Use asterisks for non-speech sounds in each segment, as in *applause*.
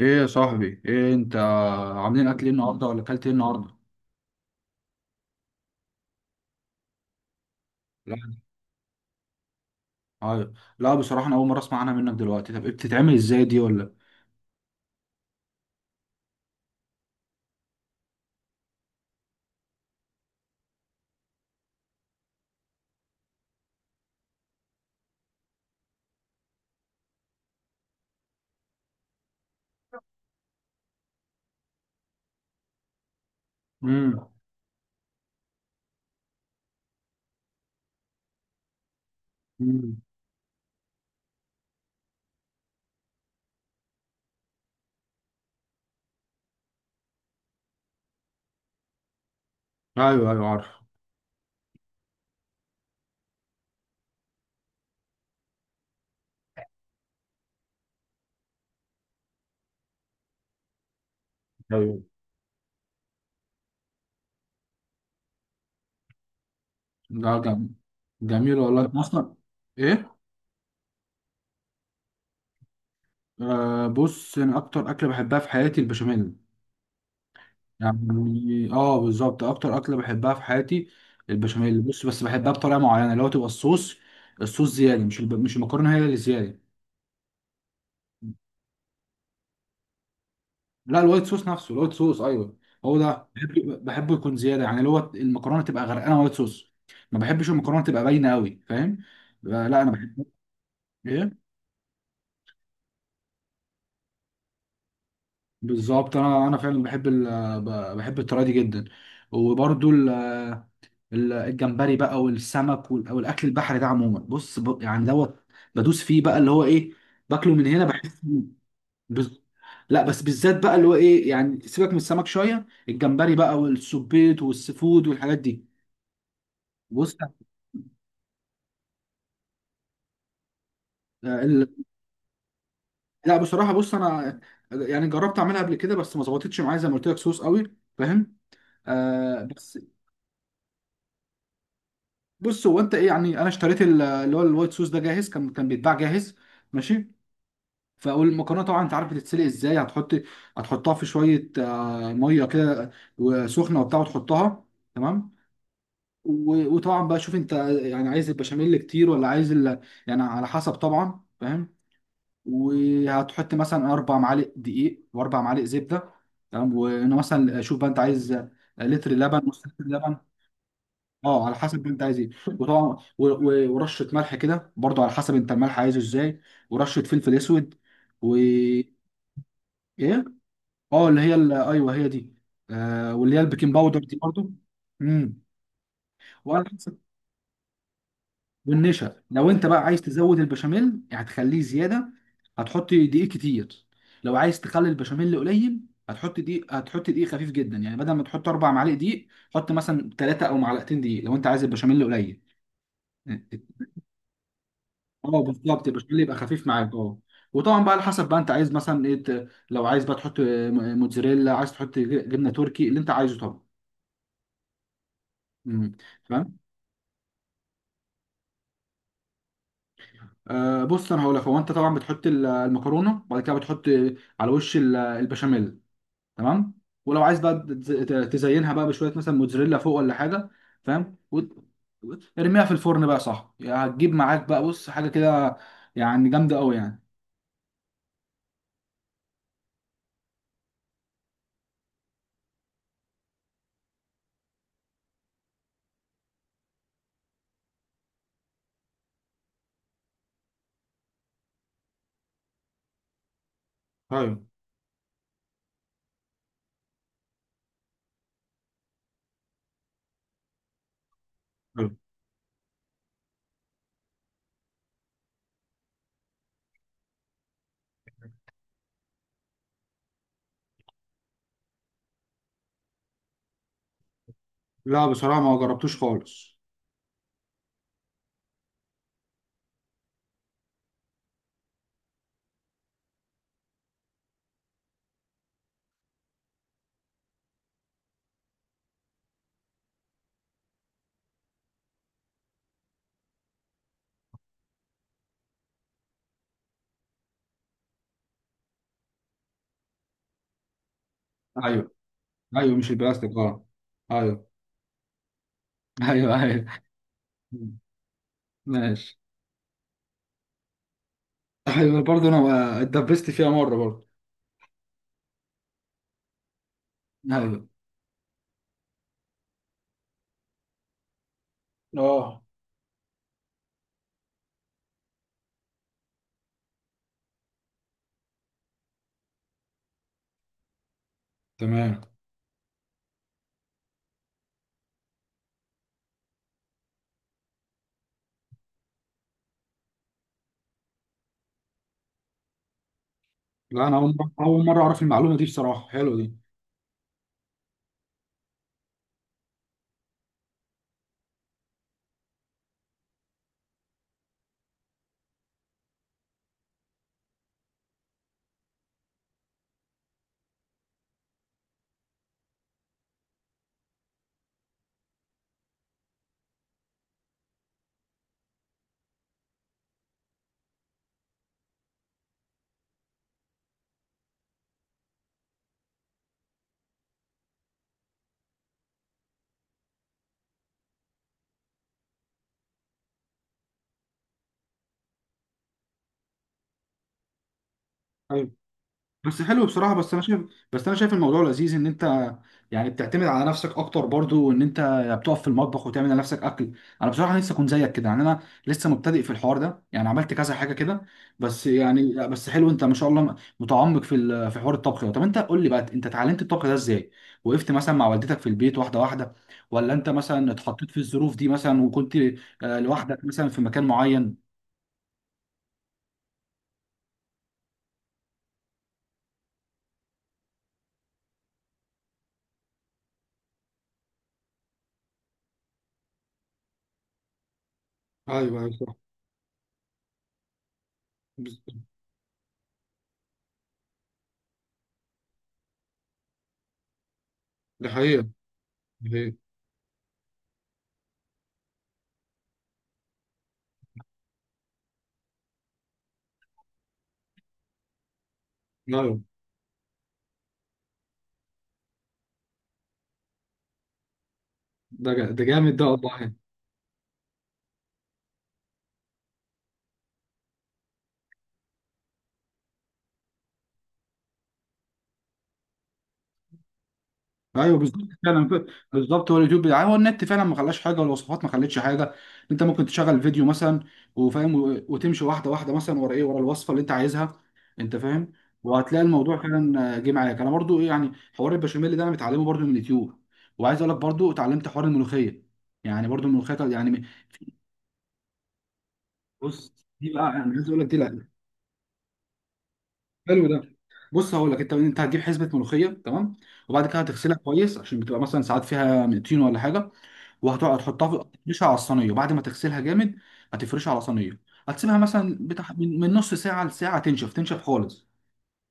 ايه يا صاحبي، ايه انت عاملين؟ اكل ايه النهارده، ولا اكلت ايه النهارده؟ لا. ايوه، لا بصراحه انا اول مره اسمع عنها منك دلوقتي. طب ايه بتتعمل ازاي دي ولا... امم. امم. ايوه ايوه، عارف. ايوه. لا جم... جميل والله، أنا اصلا... ايه؟ آه، بص انا اكتر اكله بحبها في حياتي البشاميل. يعني اه، بالظبط اكتر اكله بحبها في حياتي البشاميل. بص، بس بحبها بطريقه معينه، اللي هو تبقى الصوص. الصوص زياده، مش المكرونه هي اللي زياده. لا، الوايت صوص نفسه الوايت صوص، ايوه. هو ده بحبه يكون زياده، يعني اللي هو المكرونه تبقى غرقانه وايت صوص. ما بحبش المكرونه تبقى باينه قوي، فاهم. لا انا بحب. ايه؟ بالظبط، انا فعلا بحب الطريقه دي جدا. وبرده ال... الجمبري بقى والسمك وال... والاكل البحري ده عموما، بص، يعني دوت. بدوس فيه بقى، اللي هو ايه، باكله من هنا بحس. بز... لا، بس بالذات بقى اللي هو ايه، يعني سيبك من السمك شويه، الجمبري بقى والسبيط والسفود والحاجات دي. بص. ال- لا بصراحه بص انا يعني جربت اعملها قبل كده بس ما ظبطتش معايا، زي ما قلت لك، صوص قوي فاهم. آه بس. بص، هو انت ايه؟ يعني انا اشتريت اللي هو الوايت صوص ده جاهز، كان بيتباع جاهز، ماشي. فالمكرونه طبعا انت عارف بتتسلق ازاي. هتحطها في شويه ميه كده وسخنه وبتاع، وتحطها، تمام. وطبعا بقى شوف انت، يعني عايز البشاميل كتير ولا عايز ال... يعني على حسب طبعا، فاهم. وهتحط مثلا 4 معالق دقيق واربع معالق زبده، تمام. وانا مثلا شوف بقى، انت عايز لتر لبن نص لتر لبن. اه على حسب بقى انت عايز ايه. *laughs* وطبعا ورشه ملح كده، برضو على حسب انت الملح عايزه ازاي، ورشه فلفل اسود. و ايه، اه، اللي هي ايوه، هي دي. آه، واللي هي البيكنج باودر دي برضو. امم. والنشا لو انت بقى عايز تزود البشاميل، يعني هتخليه زياده، هتحط دقيق كتير. لو عايز تخلي البشاميل قليل، هتحط دقيق خفيف جدا. يعني بدل ما تحط 4 معالق دقيق، حط مثلا ثلاثه او معلقتين دقيق لو انت عايز البشاميل قليل. اه بالظبط، البشاميل يبقى خفيف معاك، اه. وطبعا بقى على حسب بقى انت عايز مثلا ايه. لو عايز بقى تحط موتزاريلا، عايز تحط جبنه تركي، اللي انت عايزه طبعا. امم. فاهم. آه، بص انا هقول لك، هو انت طبعا بتحط المكرونه، وبعد كده بتحط على وش البشاميل، تمام. ولو عايز بقى تزينها بقى بشويه مثلا موتزاريلا فوق ولا حاجه، فاهم. ارميها في الفرن بقى، صح، يعني هتجيب معاك بقى بص حاجه كده، يعني جامده قوي يعني. ايوه ايوه. لا بصراحه ما جربتوش خالص. ايوه ايوه، مش البلاستيك، اه. ايوه. *laughs* ايوه ايوه. مم. ماشي. ايوه، برضه انا اتدبست فيها مره برضه. ايوه اه. تمام. لا، انا اول مره، اول مره اعرف المعلومه دي بصراحه، حلوه دي. بس حلو بصراحة. بس أنا شايف، بس أنا شايف الموضوع لذيذ، إن أنت يعني بتعتمد على نفسك أكتر برضو، وإن أنت بتقف في المطبخ وتعمل لنفسك أكل. أنا بصراحة لسه كنت زيك كده، يعني أنا لسه مبتدئ في الحوار ده، يعني عملت كذا حاجة كده بس. يعني لا، بس حلو أنت ما شاء الله متعمق في في حوار الطبخ ده. طب أنت قول لي بقى، أنت اتعلمت الطبخ ده إزاي؟ وقفت مثلا مع والدتك في البيت واحدة واحدة، ولا أنت مثلا اتحطيت في الظروف دي مثلا وكنت لوحدك مثلا في مكان معين؟ ايوه ايوه صح. بز- ده حقيقة. ده حقيقة. لا ده جامد ده والله. ايوه بالظبط فعلا بالظبط. هو اليوتيوب هو النت فعلا ما خلاش حاجه، والوصفات ما خلتش حاجه. انت ممكن تشغل فيديو مثلا وفاهم، وتمشي واحده واحده مثلا ورا ايه، ورا الوصفه اللي انت عايزها، انت فاهم. وهتلاقي الموضوع فعلا جه معاك. انا برضو ايه، يعني حوار البشاميل ده انا متعلمه برضو من اليوتيوب. وعايز اقول لك برضو اتعلمت حوار الملوخيه. يعني برضو الملوخيه يعني... بص، دي بقى انا عايز اقول لك دي لا. حلو ده. بص هقول لك، انت هتجيب حزمه ملوخيه، تمام. وبعد كده هتغسلها كويس، عشان بتبقى مثلا ساعات فيها طين ولا حاجه. وهتقعد تحطها في تفرشها على الصينيه، وبعد ما تغسلها جامد هتفرشها على صينيه. هتسيبها مثلا بتاع من نص ساعه لساعه، تنشف تنشف خالص.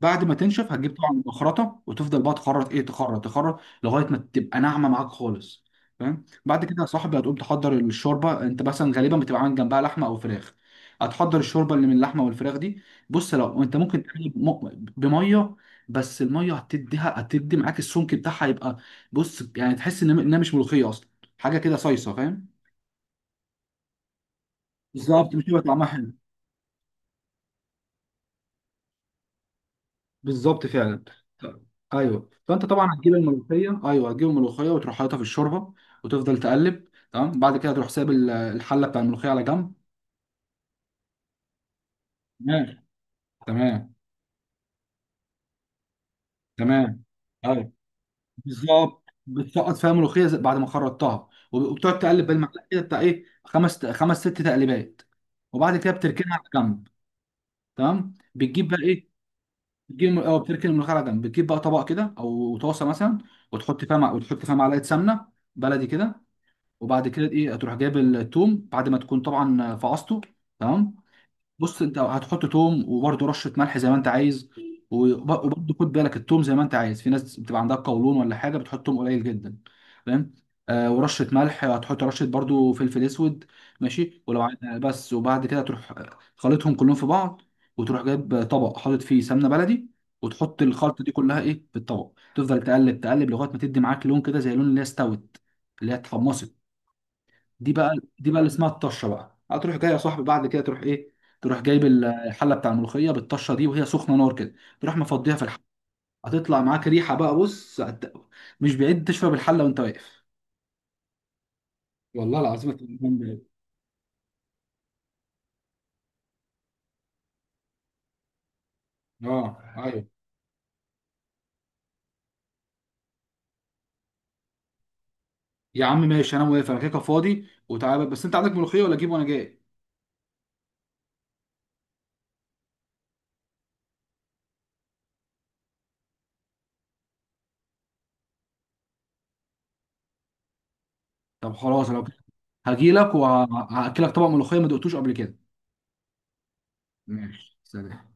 بعد ما تنشف، هتجيب طبعا المخرطه، وتفضل بقى تخرط ايه، تخرط تخرط لغايه ما تبقى ناعمه معاك خالص، فاهم. بعد كده يا صاحبي هتقوم تحضر الشوربه، انت مثلا غالبا بتبقى عامل جنبها لحمه او فراخ. هتحضر الشوربه اللي من اللحمه والفراخ دي. بص لو انت ممكن تعمل بميه بس، الميه هتدي معاك السمك بتاعها، يبقى بص يعني تحس ان انها مش ملوخيه اصلا، حاجه كده صيصه، فاهم. بالظبط، مش هيبقى طعمها حلو. بالظبط فعلا. طيب. ايوه، فانت طبعا هتجيب الملوخيه، ايوه هتجيب الملوخيه، وتروح حاططها في الشوربه وتفضل تقلب، تمام. بعد كده تروح سايب الحله بتاع الملوخيه على جنب، تمام. تمام. تمام. ايوه، بالظبط بتسقط فيها ملوخيه زي- بعد ما خرطتها، وبتقعد تقلب بالمعلقه كده، بتاع ايه، خمس خمس ست تقليبات. وبعد كده بتركنها على جنب، تمام. بتجيب بقى ايه، بتجيب اه، بتركن الملوخيه على جنب، بتجيب بقى طبق كده او طاسه مثلا، وتحط فيها معلقه سمنه بلدي كده. وبعد كده ايه، هتروح جايب التوم بعد ما تكون طبعا فعصته، تمام. بص انت هتحط توم، وبرده رشه ملح زي ما انت عايز. وبرده خد بالك، التوم زي ما انت عايز، في ناس بتبقى عندها قولون ولا حاجه بتحط توم قليل جدا، فاهم. آه، ورشه ملح، هتحط رشه برده فلفل اسود، ماشي. ولو عايز بس، وبعد كده تروح خلطهم كلهم في بعض، وتروح جايب طبق حاطط فيه سمنه بلدي، وتحط الخلطه دي كلها ايه في الطبق، تفضل تقلب تقلب لغايه ما تدي معاك لون كده زي لون اللي هي استوت، اللي هي اتحمصت. دي بقى دي بقى اللي اسمها الطشه بقى. هتروح جاي يا صاحبي بعد كده تروح ايه، تروح جايب الحله بتاع الملوخيه بالطشه دي، وهي سخنه نار كده، تروح مفضيها في الحله. هتطلع معاك ريحه بقى، بص مش بعيد تشرب الحله وانت واقف. والله العظيم هتبقى بعيد. اه ايوه. يا عم ماشي، انا موافق، انا كده كده فاضي، وتعالى، بس انت عندك ملوخيه ولا اجيب وانا جاي؟ طب خلاص لو كده، هجيلك وهاكلك طبق ملوخيه ما دقتوش قبل كده. ماشي، سلام.